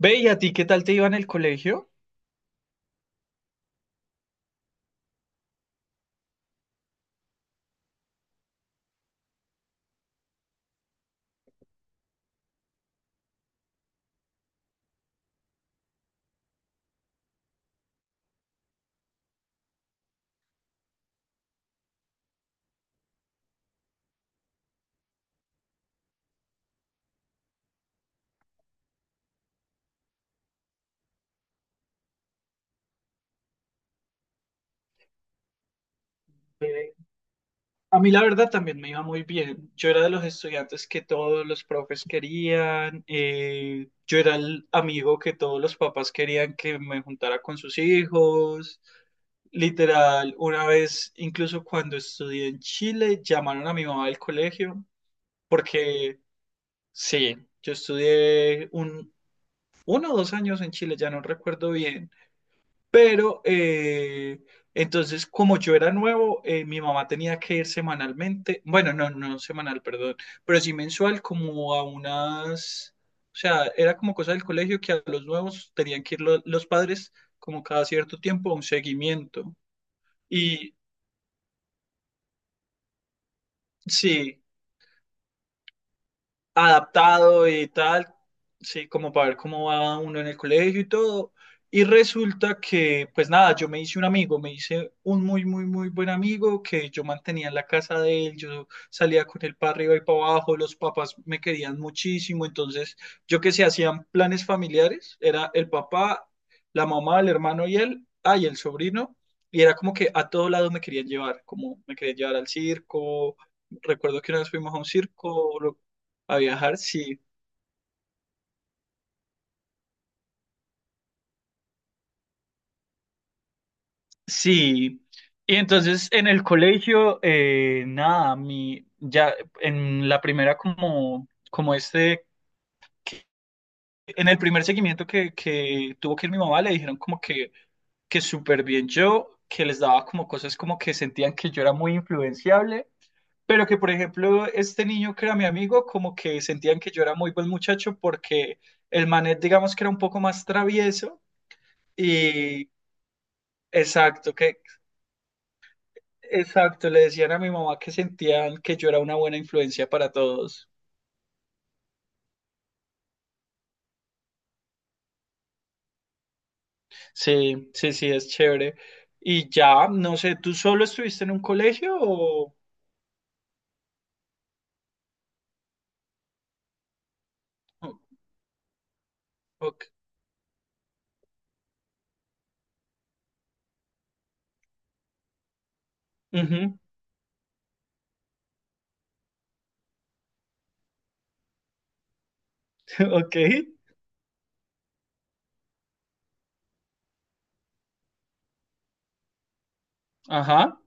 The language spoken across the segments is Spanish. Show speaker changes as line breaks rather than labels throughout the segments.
Ve, ¿y a ti qué tal te iba en el colegio? Eh, a mí la verdad también me iba muy bien. Yo era de los estudiantes que todos los profes querían. Yo era el amigo que todos los papás querían que me juntara con sus hijos. Literal, una vez, incluso cuando estudié en Chile, llamaron a mi mamá del colegio porque sí, yo estudié un, uno o dos años en Chile, ya no recuerdo bien. Pero eh, entonces, como yo era nuevo, mi mamá tenía que ir semanalmente, bueno, no semanal, perdón, pero sí mensual, o sea, era como cosa del colegio que a los nuevos tenían que ir los padres como cada cierto tiempo a un seguimiento. Y sí, adaptado y tal, sí, como para ver cómo va uno en el colegio y todo. Y resulta que, pues nada, yo me hice un amigo, me hice un muy, muy, muy buen amigo que yo mantenía en la casa de él, yo salía con él para arriba y para abajo, los papás me querían muchísimo, entonces yo que se hacían planes familiares, era el papá, la mamá, el hermano y él, ah, y el sobrino, y era como que a todo lado me querían llevar, como me querían llevar al circo, recuerdo que una vez fuimos a un circo, a viajar, sí. Sí. Y entonces en el colegio, nada, ya en la primera como, como este, en el primer seguimiento que tuvo que ir mi mamá, le dijeron como que súper bien yo, que les daba como cosas como que sentían que yo era muy influenciable, pero que por ejemplo este niño que era mi amigo, como que sentían que yo era muy buen muchacho porque el manet digamos que era un poco más travieso y... Exacto, que, Exacto, le decían a mi mamá que sentían que yo era una buena influencia para todos. Sí, sí, sí, es chévere. Y ya, no sé, ¿tú solo estuviste en un colegio o...? o- Ok, ujú, ok, ajá,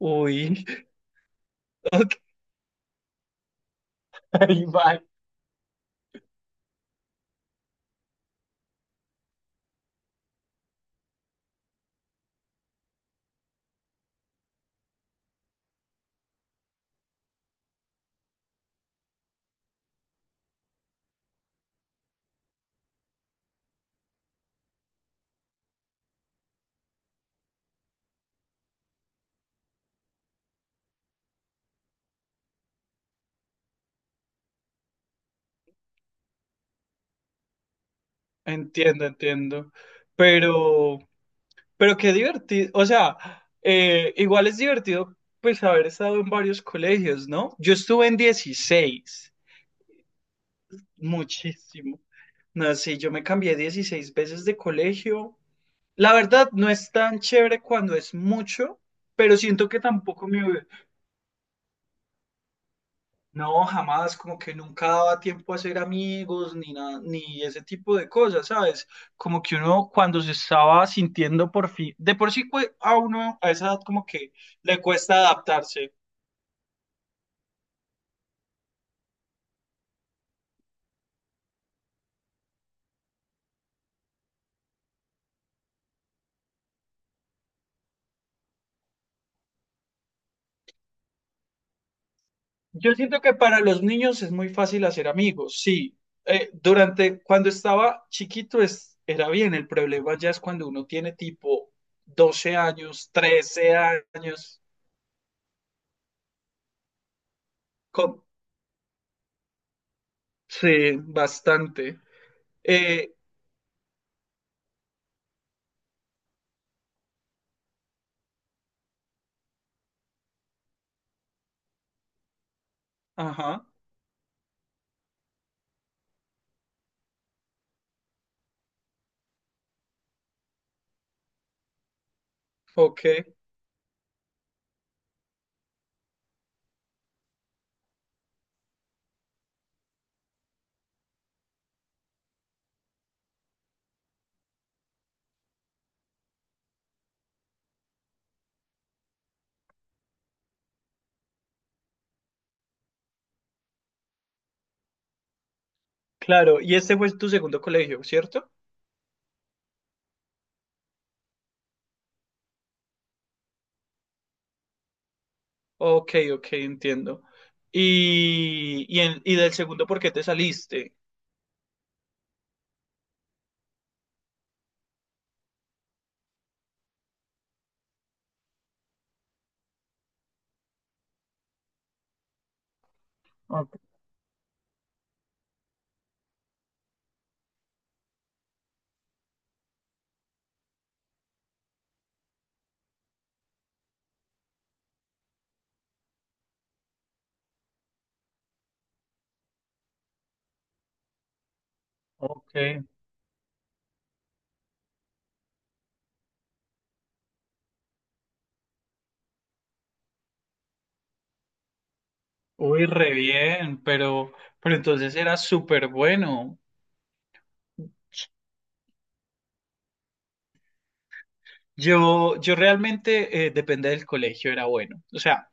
uy, ok, bye. Entiendo, entiendo. Pero, pero qué divertido, o sea, igual es divertido pues haber estado en varios colegios, ¿no? Yo estuve en 16, muchísimo. No, sí, yo me cambié 16 veces de colegio. La verdad, no es tan chévere cuando es mucho, pero siento que tampoco me... No, jamás, como que nunca daba tiempo a hacer amigos ni nada, ni ese tipo de cosas, ¿sabes? Como que uno cuando se estaba sintiendo por fin, de por sí a uno a esa edad como que le cuesta adaptarse. Yo siento que para los niños es muy fácil hacer amigos, sí. Durante cuando estaba chiquito era bien, el problema ya es cuando uno tiene tipo 12 años, trece años, con- sí, bastante. Eh, ajá, ok, claro. Y este fue tu segundo colegio, ¿cierto? Ok, ok, entiendo. Y del segundo, ¿por qué te saliste? Ok. Ok, uy, re bien, pero entonces era súper bueno. Yo realmente, depende del colegio, era bueno. O sea,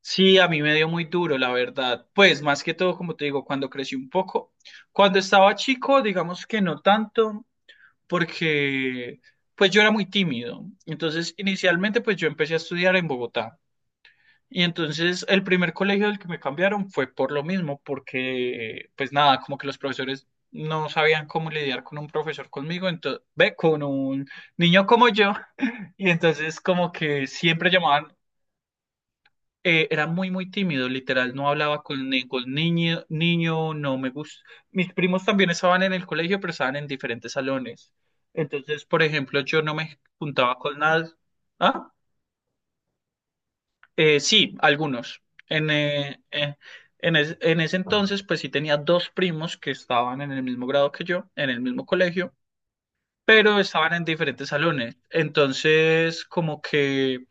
sí, a mí me dio muy duro, la verdad. Pues más que todo, como te digo, cuando crecí un poco. Cuando estaba chico, digamos que no tanto, porque pues yo era muy tímido. Entonces, inicialmente, pues yo empecé a estudiar en Bogotá. Y entonces el primer colegio del que me cambiaron fue por lo mismo, porque pues nada, como que los profesores no sabían cómo lidiar con un profesor conmigo, entonces, ve, con un niño como yo. Y entonces como que siempre llamaban, era muy, muy tímido, literal, no hablaba con ningún niño, no me gusta. Mis primos también estaban en el colegio, pero estaban en diferentes salones. Entonces, por ejemplo, yo no me juntaba con nada. ¿Ah? Sí, algunos. En, eh, eh, en ese entonces, pues sí tenía dos primos que estaban en el mismo grado que yo, en el mismo colegio, pero estaban en diferentes salones. Entonces,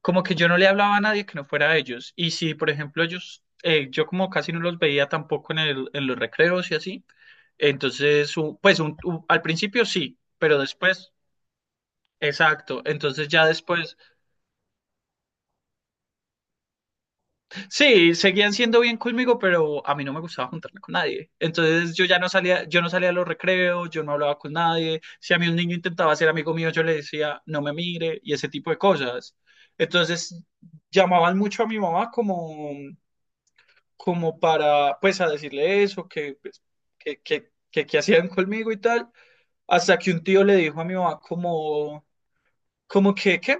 como que yo no le hablaba a nadie que no fuera a ellos. Y si, por ejemplo, ellos, yo como casi no los veía tampoco en los recreos y así. Entonces, al principio sí, pero después, exacto. Entonces ya después sí, seguían siendo bien conmigo, pero a mí no me gustaba juntarme con nadie. Entonces yo ya no salía, yo no salía a los recreos, yo no hablaba con nadie. Si a mí un niño intentaba ser amigo mío, yo le decía, no me mire y ese tipo de cosas. Entonces llamaban mucho a mi mamá como, como para, pues, a decirle eso, que, pues, que hacían conmigo y tal. Hasta que un tío le dijo a mi mamá como, como que, ¿qué?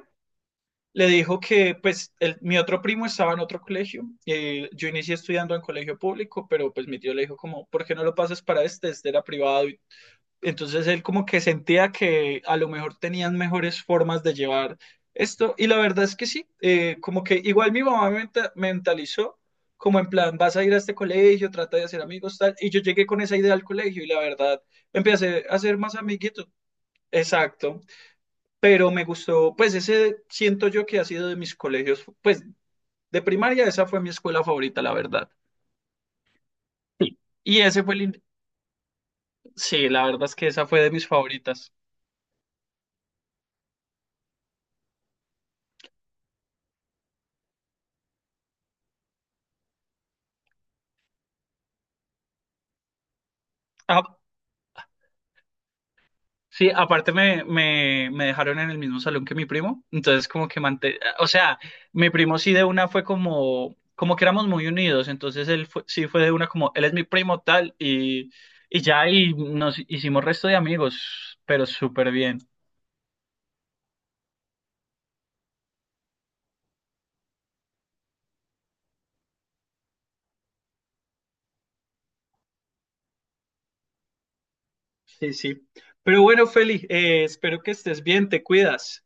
Le dijo que pues mi otro primo estaba en otro colegio, yo inicié estudiando en colegio público, pero pues mi tío le dijo como, ¿por qué no lo pasas para este? Este era privado. Entonces él como que sentía que a lo mejor tenían mejores formas de llevar esto, y la verdad es que sí, como que igual mi mamá me mentalizó, como en plan, vas a ir a este colegio, trata de hacer amigos, tal, y yo llegué con esa idea al colegio, y la verdad, empecé a hacer más amiguitos. Exacto. Pero me gustó, pues ese siento yo que ha sido de mis colegios, pues de primaria esa fue mi escuela favorita, la verdad. Sí. Y ese fue sí, la verdad es que esa fue de mis favoritas. Ah, sí, aparte me dejaron en el mismo salón que mi primo, entonces como que manté... O sea, mi primo sí de una fue como... Como que éramos muy unidos, entonces sí fue de una como... Él es mi primo tal y ya y nos hicimos resto de amigos, pero súper bien. Sí, sí. Pero bueno, Feli, espero que estés bien, te cuidas.